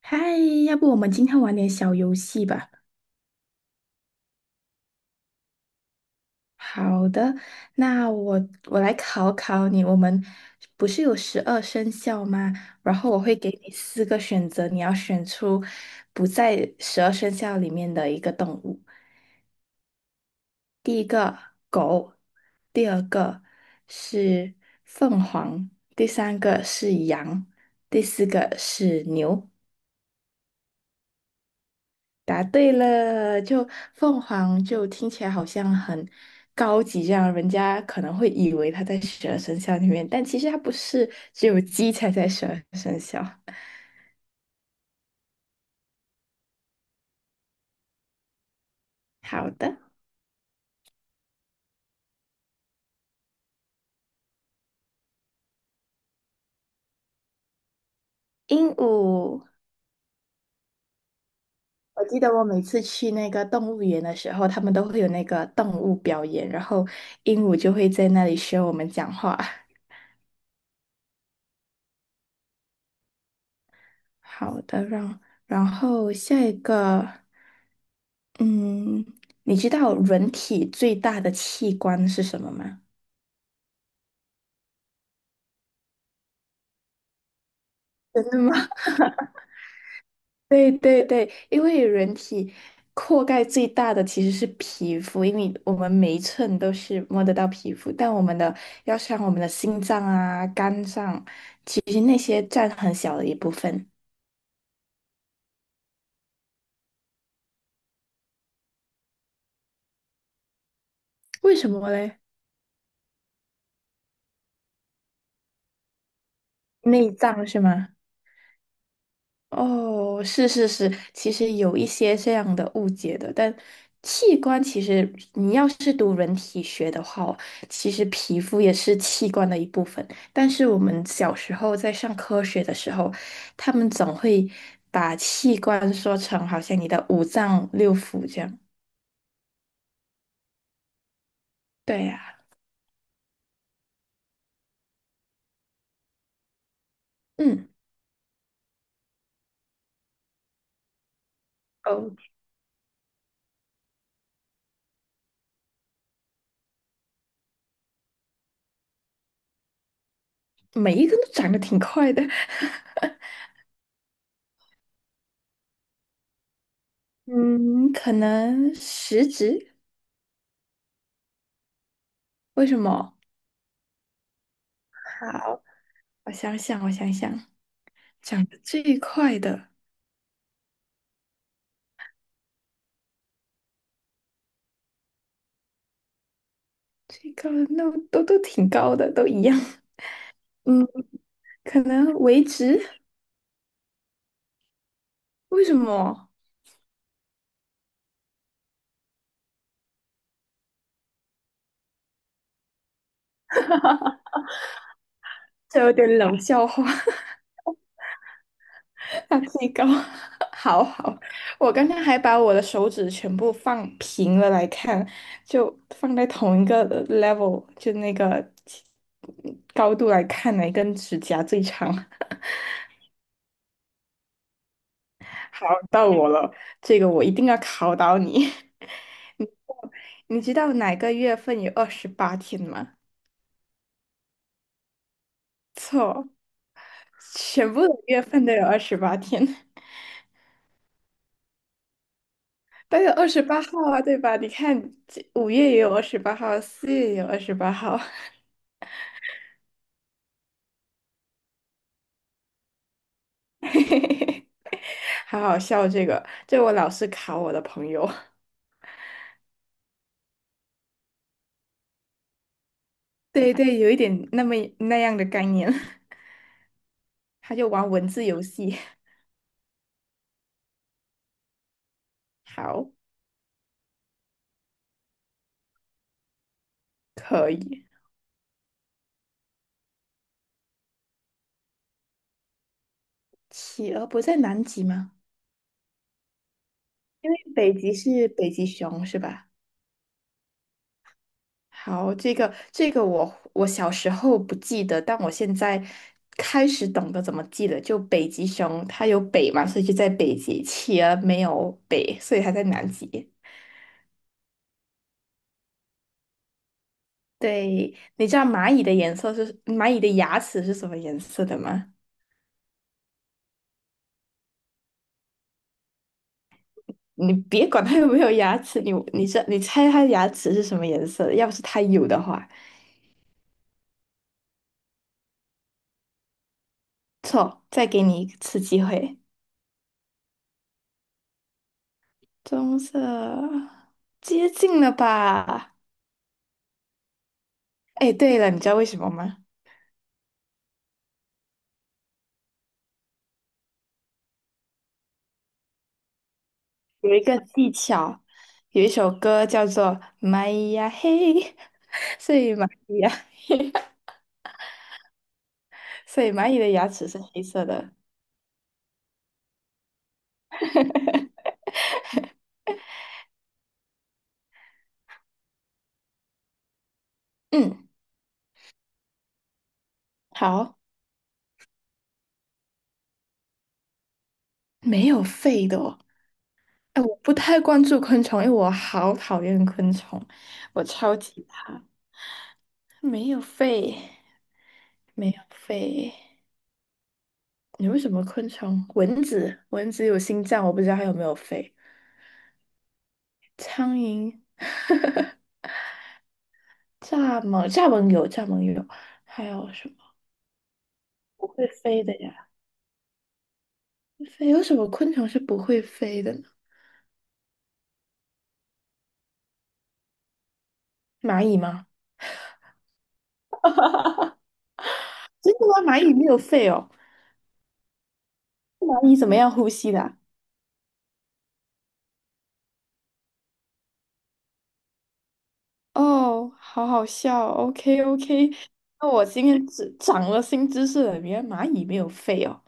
嗨，要不我们今天玩点小游戏吧？好的，那我来考考你，我们不是有十二生肖吗？然后我会给你四个选择，你要选出不在十二生肖里面的一个动物。第一个狗，第二个是凤凰，第三个是羊，第四个是牛。答对了，就凤凰就听起来好像很高级，这样人家可能会以为它在十二生肖里面，但其实它不是，只有鸡才在十二生肖。好的，鹦鹉。我记得我每次去那个动物园的时候，他们都会有那个动物表演，然后鹦鹉就会在那里学我们讲话。好的，然后下一个，嗯，你知道人体最大的器官是什么吗？真的吗？对对对，因为人体覆盖最大的其实是皮肤，因为我们每一寸都是摸得到皮肤，但我们的要像我们的心脏啊、肝脏，其实那些占很小的一部分。为什么嘞？内脏是吗？哦，是是是，其实有一些这样的误解的，但器官其实你要是读人体学的话哦，其实皮肤也是器官的一部分。但是我们小时候在上科学的时候，他们总会把器官说成好像你的五脏六腑这样。对呀，嗯，哦，每一个都长得挺快的，嗯，可能食指，为什么？好，我想想，我想想。长得最快的，最高的那都挺高的，都一样 嗯，可能维持，为什么？这有点冷笑话，它最高。好好，我刚刚还把我的手指全部放平了来看，就放在同一个level，就那个高度来看，哪根指甲最长？好，到我了，这个我一定要考倒你。你知道哪个月份有二十八天吗？错。全部的月份都有二十八天，都有二十八号啊，对吧？你看，这5月也有二十八号，4月也有二十八号，好好笑这个，这我老是考我的朋友。对对，有一点那么那样的概念，他就玩文字游戏。好，可以。企鹅不在南极吗？因为北极是北极熊，是吧？好，这个我小时候不记得，但我现在开始懂得怎么记了。就北极熊，它有北嘛，所以就在北极；企鹅没有北，所以它在南极。对，你知道蚂蚁的颜色是蚂蚁的牙齿是什么颜色的吗？你别管它有没有牙齿，你猜它牙齿是什么颜色的？要不是它有的话，错，再给你一次机会，棕色，接近了吧？哎，对了，你知道为什么吗？有一个技巧，有一首歌叫做《蚂蚁呀嘿》，所以蚂蚁呀嘿，所以蚂蚁的牙齿是黑色的。嗯，好，没有肺的哦。哎，我不太关注昆虫，因为我好讨厌昆虫，我超级怕。没有肺，没有肺，你为什么昆虫？蚊子，蚊子有心脏，我不知道它有没有肺。苍蝇，蚱蜢有，还有什么？不会飞的呀，飞有什么昆虫是不会飞的呢？蚂蚁吗？真的吗？蚂蚁没有肺哦，蚂蚁怎么样呼吸的啊哦，好好笑 OK OK，那我今天只长了新知识了，原来蚂蚁没有肺哦，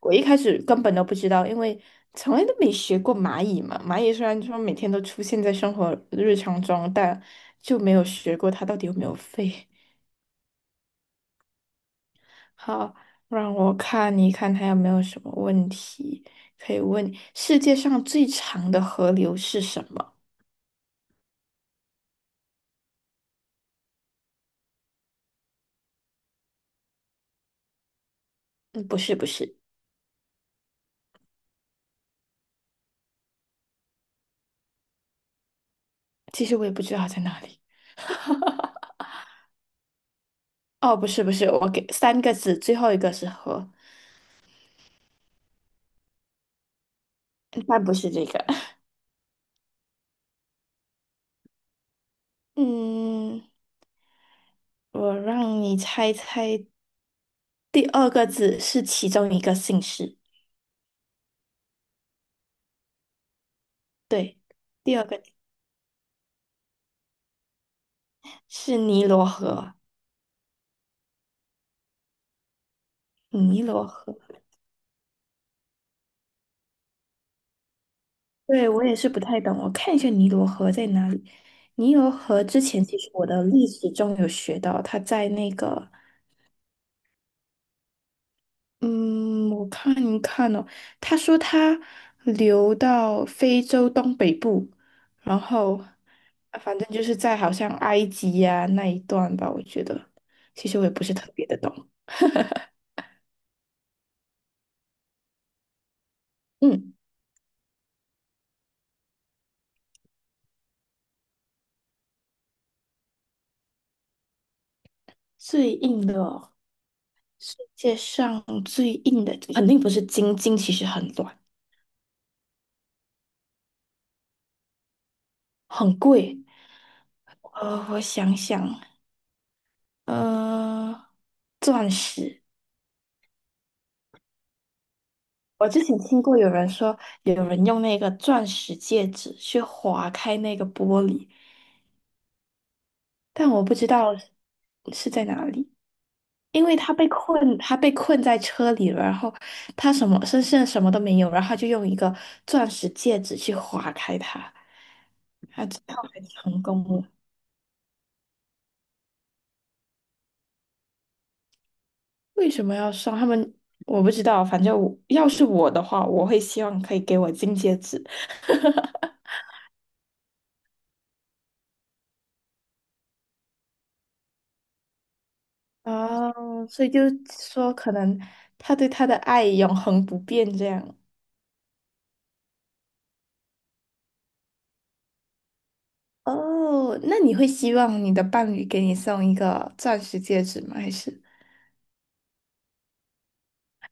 我一开始根本都不知道，因为从来都没学过蚂蚁嘛。蚂蚁虽然说每天都出现在生活日常中，但就没有学过它到底有没有肺。好，让我看一看还有没有什么问题可以问你世界上最长的河流是什么？嗯，不是，不是，其实我也不知道在哪里。哦，不是，不是，我给3个字，最后一个是河，但不是这个。嗯，我让你猜猜，第二个字是其中一个姓氏。对，第二个是尼罗河，尼罗河。对，我也是不太懂，我看一下尼罗河在哪里。尼罗河之前其实我的历史中有学到，它在那个，嗯，我看一看哦，他说它流到非洲东北部，然后啊反正就是在好像埃及呀、那一段吧，我觉得其实我也不是特别的懂。嗯，最硬的哦，世界上最硬的肯定不是金，金其实很软，很贵。我想想。呃，钻石。我之前听过有人说，有人用那个钻石戒指去划开那个玻璃，但我不知道是在哪里，因为他被困在车里了，然后他身上什么都没有，然后他就用一个钻石戒指去划开它，然后还成功了。为什么要送他们？我不知道，反正我要是我的话，我会希望可以给我金戒指。哦，所以就是说，可能他对他的爱永恒不变这样。哦，那你会希望你的伴侣给你送一个钻石戒指吗？还是？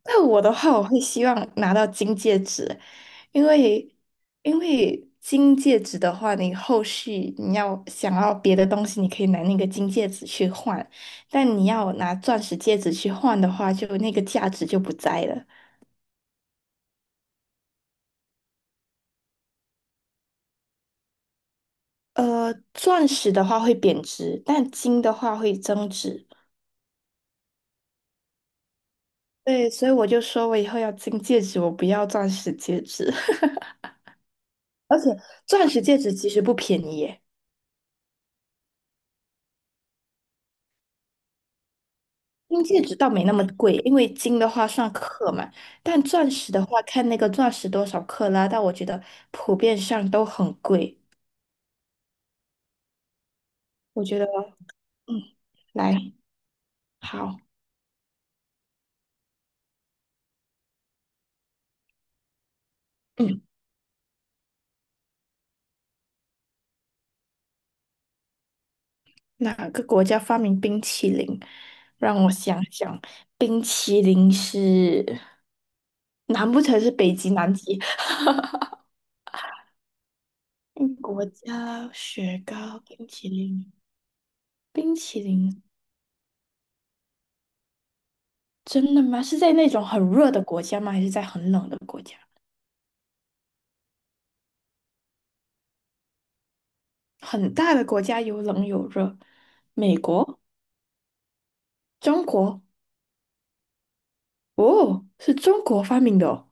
那我的话，我会希望拿到金戒指，因为因为金戒指的话，你后续你要想要别的东西，你可以拿那个金戒指去换，但你要拿钻石戒指去换的话，就那个价值就不在了。钻石的话会贬值，但金的话会增值。对，所以我就说我以后要金戒指，我不要钻石戒指。而且钻石戒指其实不便宜耶，金戒指倒没那么贵，因为金的话算克嘛，但钻石的话看那个钻石多少克拉，但我觉得普遍上都很贵。我觉得，嗯，来，好，嗯。哪个国家发明冰淇淋？让我想想，冰淇淋是，难不成是北极、南极？嗯，国家雪糕、冰淇淋、冰淇淋，真的吗？是在那种很热的国家吗？还是在很冷的国家？很大的国家有冷有热，美国、中国，哦，是中国发明的哦。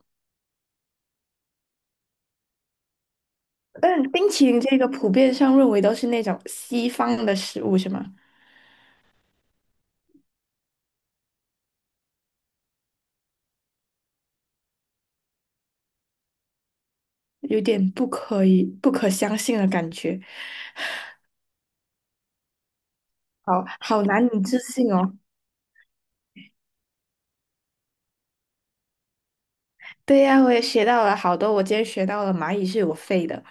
但冰淇淋这个普遍上认为都是那种西方的食物，是吗？有点不可相信的感觉，好好难以置信哦。对呀，我也学到了好多，我今天学到了蚂蚁是有肺的。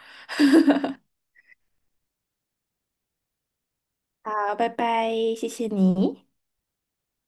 好，拜拜，谢谢你。